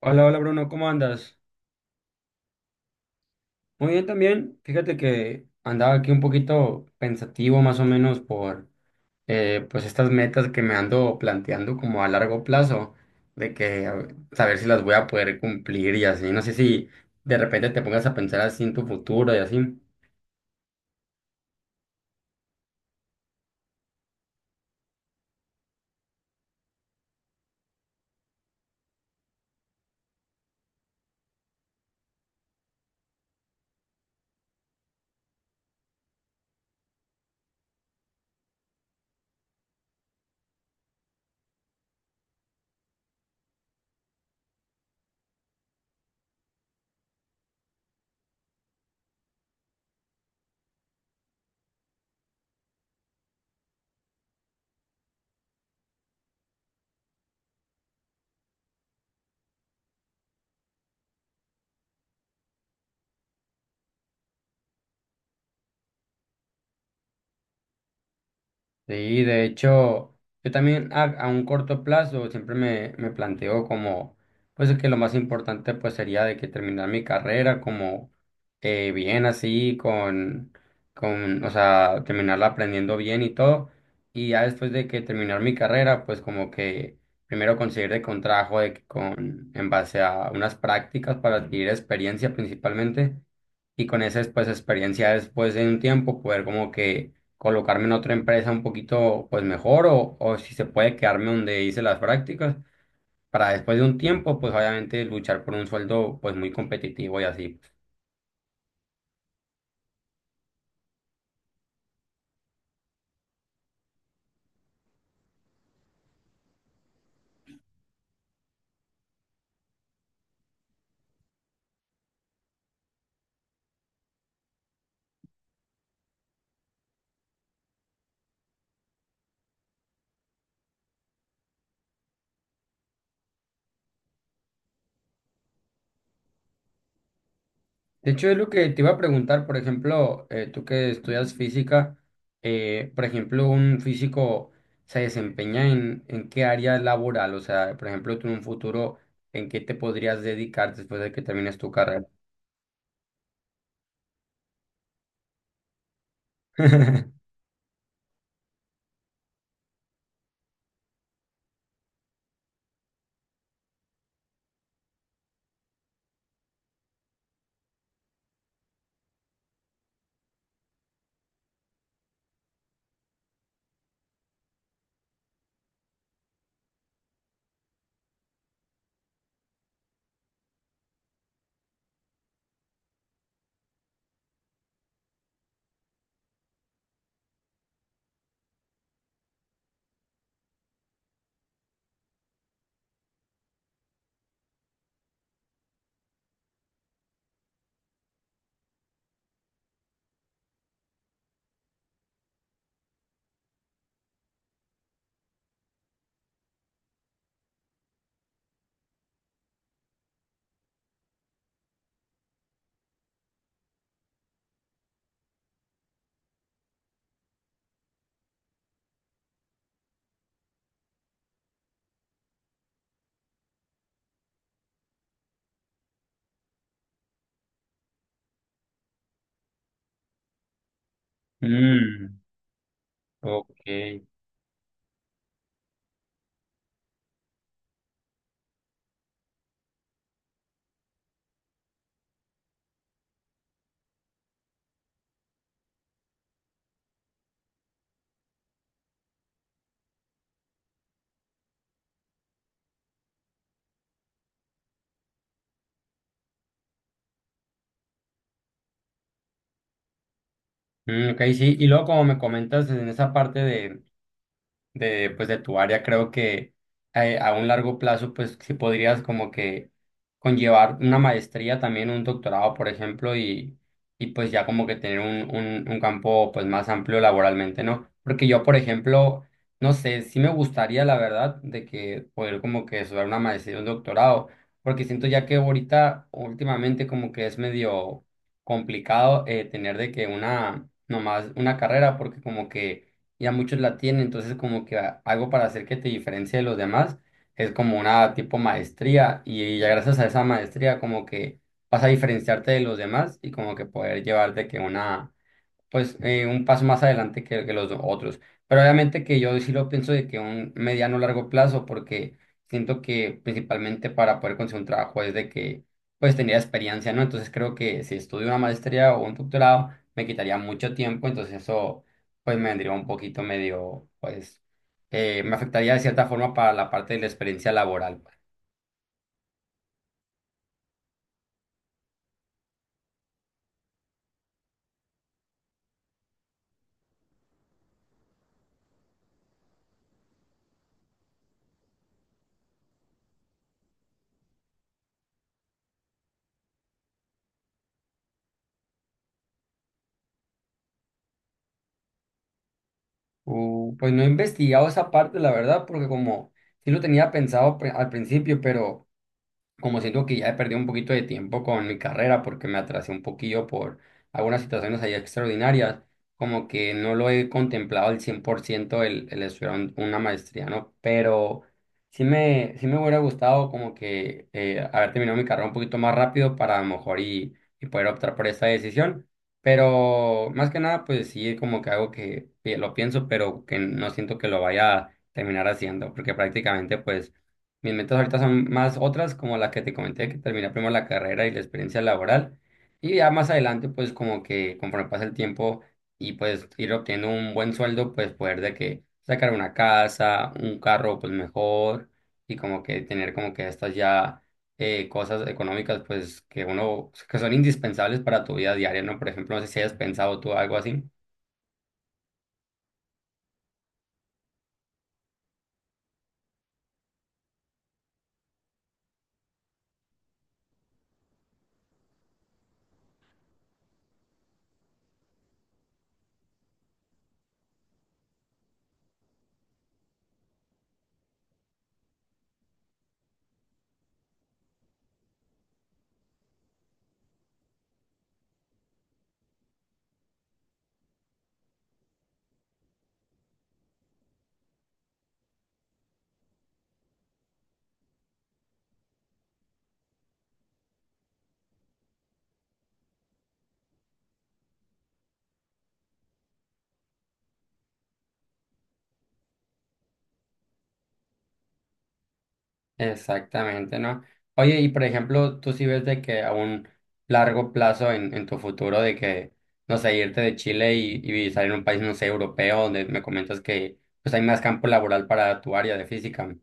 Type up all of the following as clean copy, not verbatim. Hola, hola Bruno, ¿cómo andas? Muy bien también. Fíjate que andaba aquí un poquito pensativo más o menos por pues estas metas que me ando planteando como a largo plazo, de que a ver, saber si las voy a poder cumplir y así. No sé si de repente te pongas a pensar así en tu futuro y así. Sí, de hecho, yo también a un corto plazo siempre me planteo como, pues que lo más importante pues sería de que terminar mi carrera como bien así, o sea, terminarla aprendiendo bien y todo. Y ya después de que terminar mi carrera, pues como que primero conseguir de con trabajo de que con, en base a unas prácticas para adquirir experiencia principalmente y con esa pues experiencia después de un tiempo poder como que colocarme en otra empresa un poquito pues mejor o si se puede quedarme donde hice las prácticas para después de un tiempo pues obviamente luchar por un sueldo pues muy competitivo y así. De hecho es lo que te iba a preguntar, por ejemplo, tú que estudias física, por ejemplo, un físico se desempeña en qué área laboral, o sea, por ejemplo, tú en un futuro, ¿en qué te podrías dedicar después de que termines tu carrera? Mm, ok. Mm, ok, sí. Y luego, como me comentas en esa parte pues, de tu área, creo que a un largo plazo, pues sí podrías como que conllevar una maestría, también un doctorado, por ejemplo, y pues ya como que tener un campo pues más amplio laboralmente, ¿no? Porque yo, por ejemplo, no sé, sí me gustaría, la verdad, de que poder como que estudiar una maestría, un doctorado, porque siento ya que ahorita, últimamente, como que es medio complicado tener de que una, nomás una carrera, porque como que ya muchos la tienen, entonces como que algo para hacer que te diferencie de los demás es como una tipo maestría y ya gracias a esa maestría como que vas a diferenciarte de los demás y como que poder llevar de que una pues un paso más adelante que los otros. Pero obviamente que yo sí lo pienso de que un mediano largo plazo, porque siento que principalmente para poder conseguir un trabajo es de que pues tenía experiencia, ¿no? Entonces creo que si estudio una maestría o un doctorado me quitaría mucho tiempo, entonces eso pues me vendría un poquito medio, pues me afectaría de cierta forma para la parte de la experiencia laboral pues. Pues no he investigado esa parte, la verdad, porque como sí lo tenía pensado al principio, pero como siento que ya he perdido un poquito de tiempo con mi carrera porque me atrasé un poquillo por algunas situaciones ahí extraordinarias, como que no lo he contemplado al 100% el estudiar una maestría, ¿no? Pero sí me hubiera gustado como que haber terminado mi carrera un poquito más rápido para a lo mejor y poder optar por esta decisión. Pero más que nada, pues sí, es como que algo que lo pienso, pero que no siento que lo vaya a terminar haciendo, porque prácticamente, pues mis metas ahorita son más otras, como la que te comenté, que terminar primero la carrera y la experiencia laboral. Y ya más adelante, pues como que conforme pasa el tiempo y pues ir obteniendo un buen sueldo, pues poder de que sacar una casa, un carro, pues mejor. Y como que tener como que estas ya cosas económicas, pues que uno, que son indispensables para tu vida diaria, ¿no? Por ejemplo, no sé si hayas pensado tú algo así. Exactamente, ¿no? Oye, y por ejemplo, tú sí ves de que a un largo plazo en tu futuro, de que, no sé, irte de Chile y salir a un país, no sé, europeo, donde me comentas que pues hay más campo laboral para tu área de física.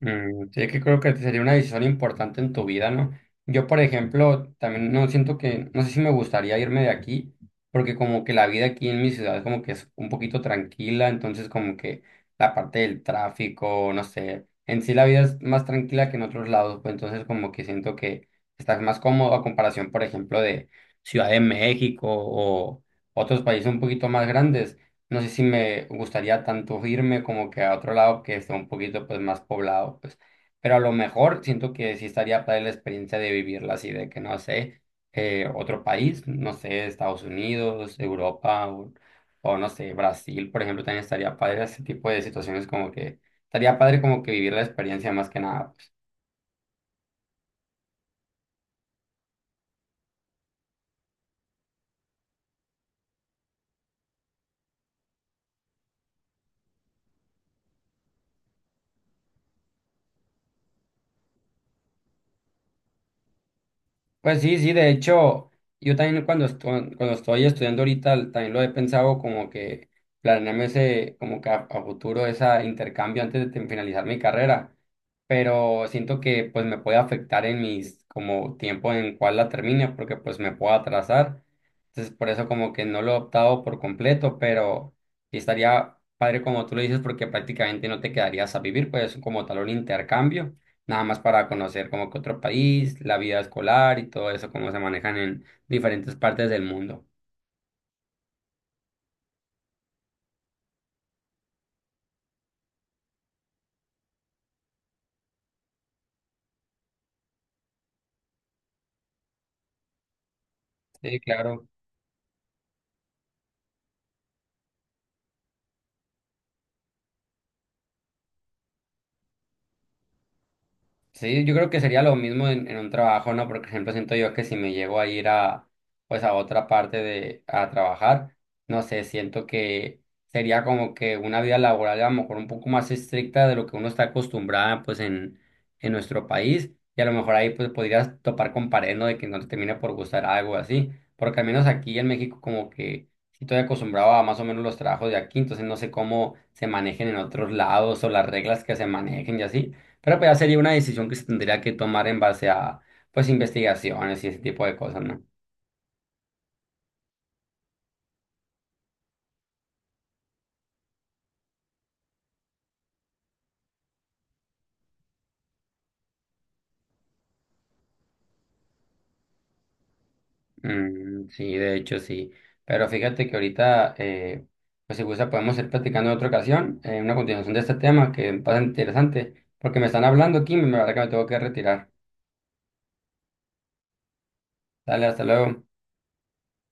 Mm, sí, que creo que sería una decisión importante en tu vida, ¿no? Yo, por ejemplo, también no siento que, no sé si me gustaría irme de aquí, porque como que la vida aquí en mi ciudad como que es un poquito tranquila, entonces como que la parte del tráfico, no sé, en sí la vida es más tranquila que en otros lados, pues entonces como que siento que estás más cómodo a comparación, por ejemplo, de Ciudad de México o otros países un poquito más grandes. No sé si me gustaría tanto irme como que a otro lado que esté un poquito pues más poblado, pues. Pero a lo mejor siento que sí estaría para la experiencia de vivirla así, de que no sé, otro país, no sé, Estados Unidos, Europa o no sé, Brasil, por ejemplo, también estaría padre ese tipo de situaciones como que estaría padre como que vivir la experiencia más que nada pues. Pues sí, sí, de hecho, yo también cuando estoy estudiando ahorita también lo he pensado como que planearme ese, como que a futuro ese intercambio antes de finalizar mi carrera, pero siento que pues me puede afectar en mis, como tiempo en cual la termine, porque pues me puedo atrasar, entonces por eso como que no lo he optado por completo, pero sí estaría padre como tú lo dices, porque prácticamente no te quedarías a vivir, pues como tal un intercambio nada más para conocer como que otro país, la vida escolar y todo eso, cómo se manejan en diferentes partes del mundo. Sí, claro. Sí, yo creo que sería lo mismo en un trabajo, ¿no? Porque, por ejemplo, siento yo que si me llego a ir a, pues, a otra parte de, a trabajar, no sé, siento que sería como que una vida laboral a lo mejor un poco más estricta de lo que uno está acostumbrada, pues, en nuestro país. Y a lo mejor ahí, pues, podrías topar con pared, ¿no? De que no te termine por gustar algo así. Porque al menos aquí en México como que sí estoy acostumbrado a más o menos los trabajos de aquí, entonces no sé cómo se manejen en otros lados o las reglas que se manejen y así. Pero pues ya sería una decisión que se tendría que tomar en base a, pues, investigaciones y ese tipo de cosas, ¿no? Mm, sí, de hecho, sí. Pero fíjate que ahorita, pues, si gusta, podemos ir platicando en otra ocasión, una continuación de este tema que pasa interesante, porque me están hablando aquí y me verdad que me tengo que retirar. Dale, hasta luego.